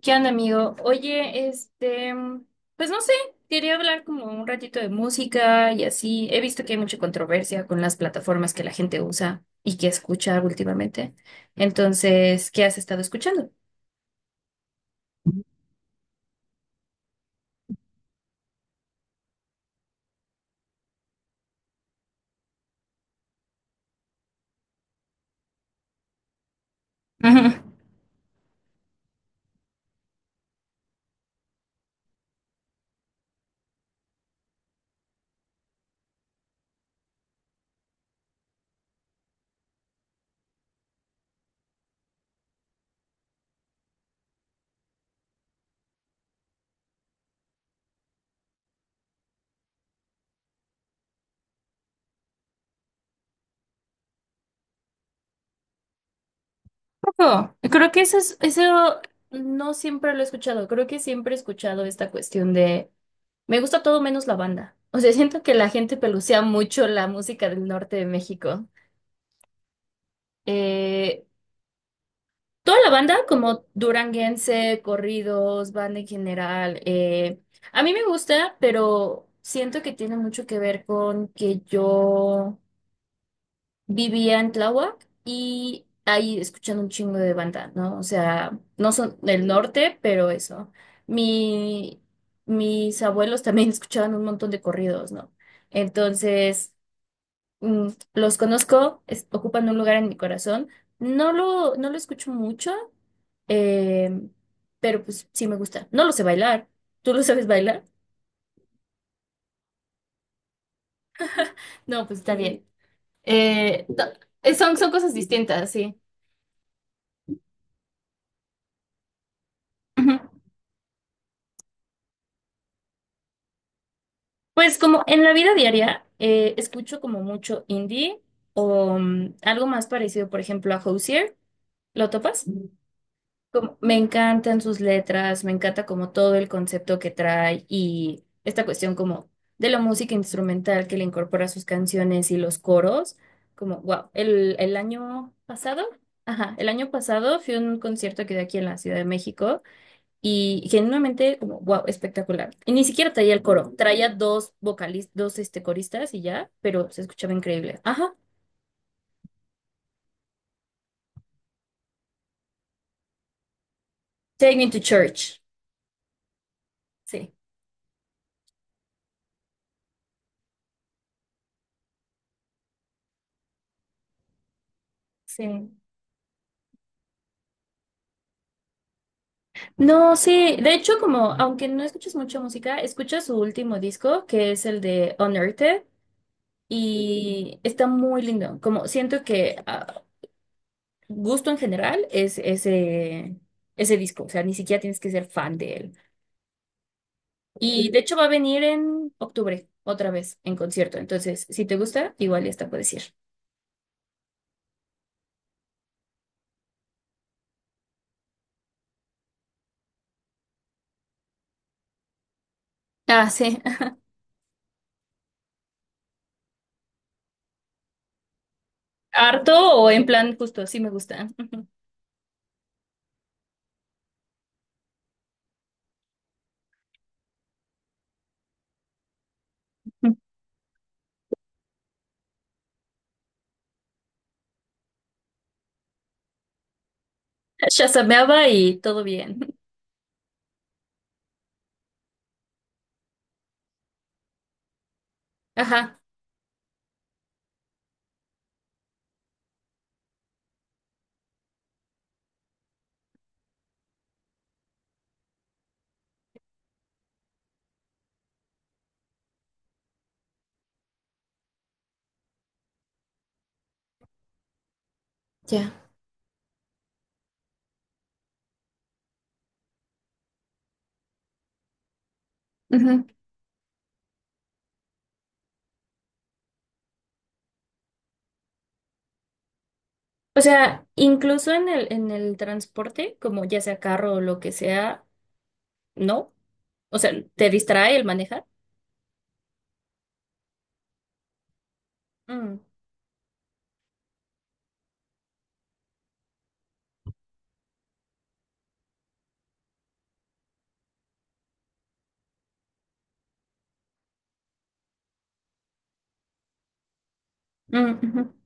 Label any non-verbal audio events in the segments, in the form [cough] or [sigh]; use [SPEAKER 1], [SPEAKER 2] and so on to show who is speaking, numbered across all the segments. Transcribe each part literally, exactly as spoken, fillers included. [SPEAKER 1] ¿Qué onda, amigo? Oye, este, pues no sé, quería hablar como un ratito de música y así. He visto que hay mucha controversia con las plataformas que la gente usa y que escucha últimamente. Entonces, ¿qué has estado escuchando? Ujú. Ojo, creo que eso es, eso no siempre lo he escuchado. Creo que siempre he escuchado esta cuestión de me gusta todo menos la banda. O sea, siento que la gente pelucea mucho la música del norte de México. Eh, Toda la banda, como duranguense, corridos, banda en general, eh, a mí me gusta, pero siento que tiene mucho que ver con que yo vivía en Tláhuac y ahí escuchando un chingo de banda, ¿no? O sea, no son del norte, pero eso. Mi, mis abuelos también [laughs] escuchaban un montón de corridos, ¿no? Entonces, mm, los conozco, es- ocupan un lugar en mi corazón. No lo, no lo escucho mucho, eh, pero pues sí me gusta. No lo sé bailar. ¿Tú lo sabes bailar? No, pues está bien. Eh, no, eh, son, son cosas distintas, sí. Ujú. Pues como en la vida diaria eh, escucho como mucho indie o mm, algo más parecido, por ejemplo, a Hozier. ¿Lo topas? como- me encantan sus letras, me encanta como todo el concepto que trae y esta cuestión como de la música instrumental que le incorpora a sus canciones y los coros, como wow, el, el año pasado, ajá, el año pasado fui a un concierto que dio aquí en la Ciudad de México y genuinamente como wow, espectacular. Y ni siquiera traía el coro, traía dos vocalistas, dos este, coristas y ya, pero se escuchaba increíble. Ajá, Take Me to Church. Sí. Sí. No, sí, de hecho, como aunque no escuches mucha música, escuchas su último disco, que es el de Unearthed, y está muy lindo. Como siento que ah, gusto en general es ese, ese disco, o sea, ni siquiera tienes que ser fan de él. Y de hecho va a venir en octubre, otra vez, en concierto. Entonces, si te gusta, igual ya está, puedes ir. Ah, sí. [laughs] Harto o en plan justo, sí me gusta. [laughs] Shazameaba y todo bien. Ajá, ya. Ujú. O sea, incluso en el, en el transporte, como ya sea carro o lo que sea, ¿no? O sea, ¿te distrae el manejar? Mm, mm, ujú.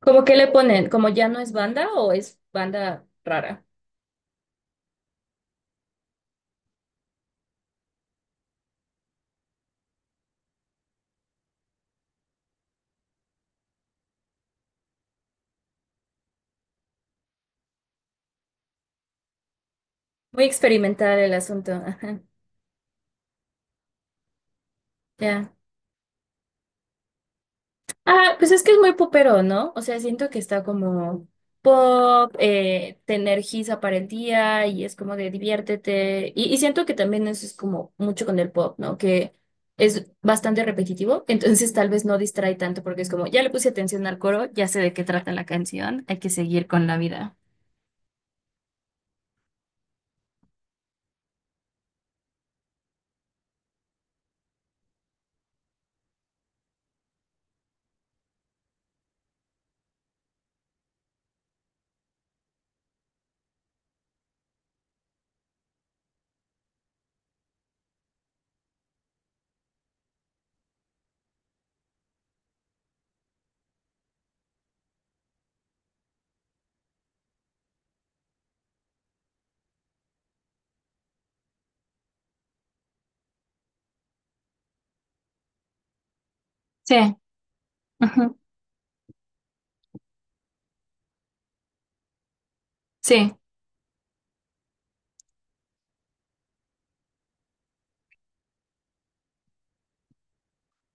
[SPEAKER 1] ¿Cómo que le ponen? ¿Como ya no es banda o es banda rara? Muy experimental el asunto. Ajá, ya. Ah, pues es que es muy popero, ¿no? O sea, siento que está como pop, eh, te energiza para el día y es como de diviértete. Y, y siento que también eso es como mucho con el pop, ¿no? Que es bastante repetitivo, [laughs] entonces tal vez no distrae tanto porque es como, ya le puse atención al coro, ya sé de qué trata la canción, hay que seguir con la vida. Sí, ujú, sí.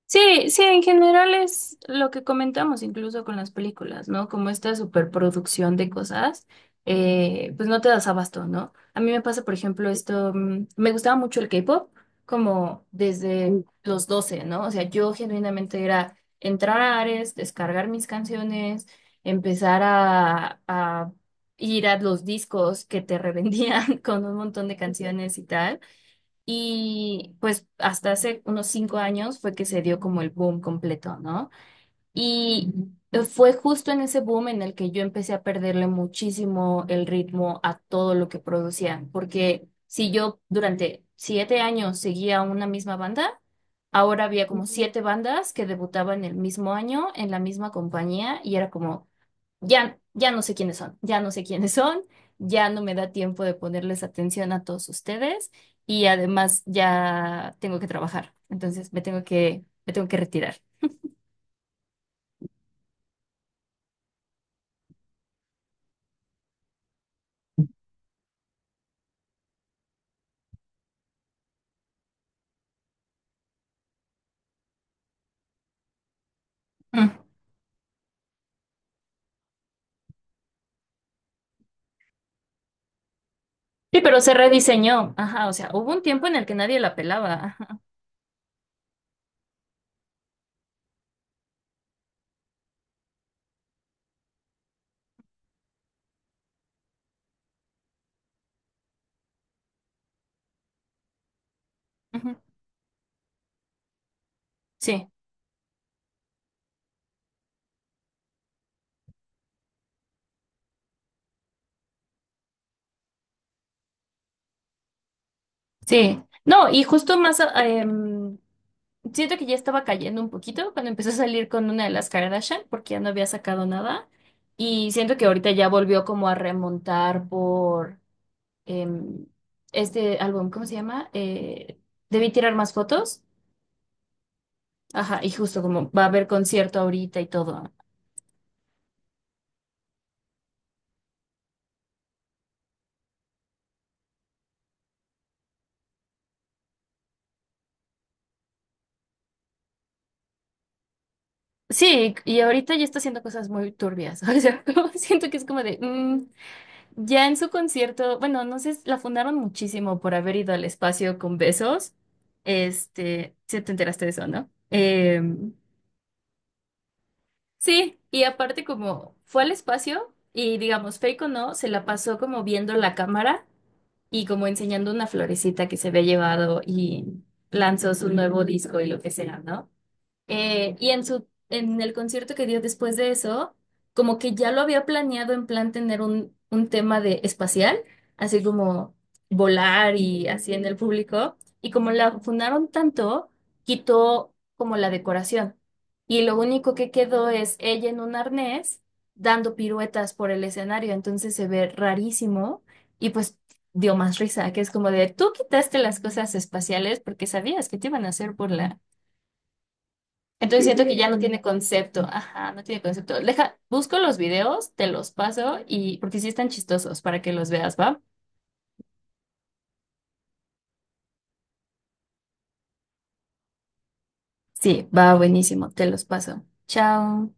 [SPEAKER 1] Sí, sí, en general es lo que comentamos incluso con las películas, ¿no? Como esta superproducción de cosas, eh, pues no te das abasto, ¿no? A mí me pasa, por ejemplo, esto, mm, me gustaba mucho el K-pop, como desde los doce, ¿no? O sea, yo genuinamente era entrar a Ares, descargar mis canciones, empezar a, a ir a los discos que te revendían [laughs] con un montón de canciones y tal. Y pues hasta hace unos cinco años fue que se dio como el boom completo, ¿no? Y ujú, fue justo en ese boom en el que yo empecé a perderle muchísimo el ritmo a todo lo que producían, porque si yo durante siete años seguía una misma banda, ahora había como ujú, siete bandas que debutaban el mismo año en la misma compañía y era como, ya, ya no sé quiénes son, ya no sé quiénes son, ya no me da tiempo de ponerles atención a todos ustedes y además ya tengo que trabajar, entonces me tengo que, me tengo que retirar. Mm. Sí, pero se rediseñó, ajá, o sea, hubo un tiempo en el que nadie la pelaba, ajá, ujú. Sí, sí, no, y justo más, ah, em, siento que ya estaba cayendo un poquito cuando empezó a salir con una de las Kardashian porque ya no había sacado nada y siento que ahorita ya volvió como a remontar por... em, este álbum, ¿cómo se llama? Eh, debí tirar más fotos. Ajá, y justo como va a haber concierto ahorita y todo. Sí, y ahorita ya está haciendo cosas muy turbias. [laughs] O sea, como siento que es como de, mm, ya en su concierto, bueno, no sé, la fundaron muchísimo por haber ido al espacio con besos. Este, si te enteraste de eso, ¿no? Em, sí, y aparte como fue al espacio y digamos, fake o no, se la pasó como viendo la cámara y como enseñando una florecita que se había llevado y lanzó su nuevo disco y lo que sea, ¿no? Eh, y en su, en el concierto que dio después de eso, como que ya lo había planeado en plan tener un, un tema de espacial, así como volar y así en el público. Y como la fundaron tanto, quitó como la decoración. Y lo único que quedó es ella en un arnés dando piruetas por el escenario. Entonces se ve rarísimo y pues dio más risa, que es como de, tú quitaste las cosas espaciales porque sabías que te iban a hacer burla. Entonces siento que ya no tiene concepto. Ajá, no tiene concepto. Deja, busco los videos, te los paso y porque sí están chistosos para que los veas, ¿va? Sí, va buenísimo, te los paso. Chao.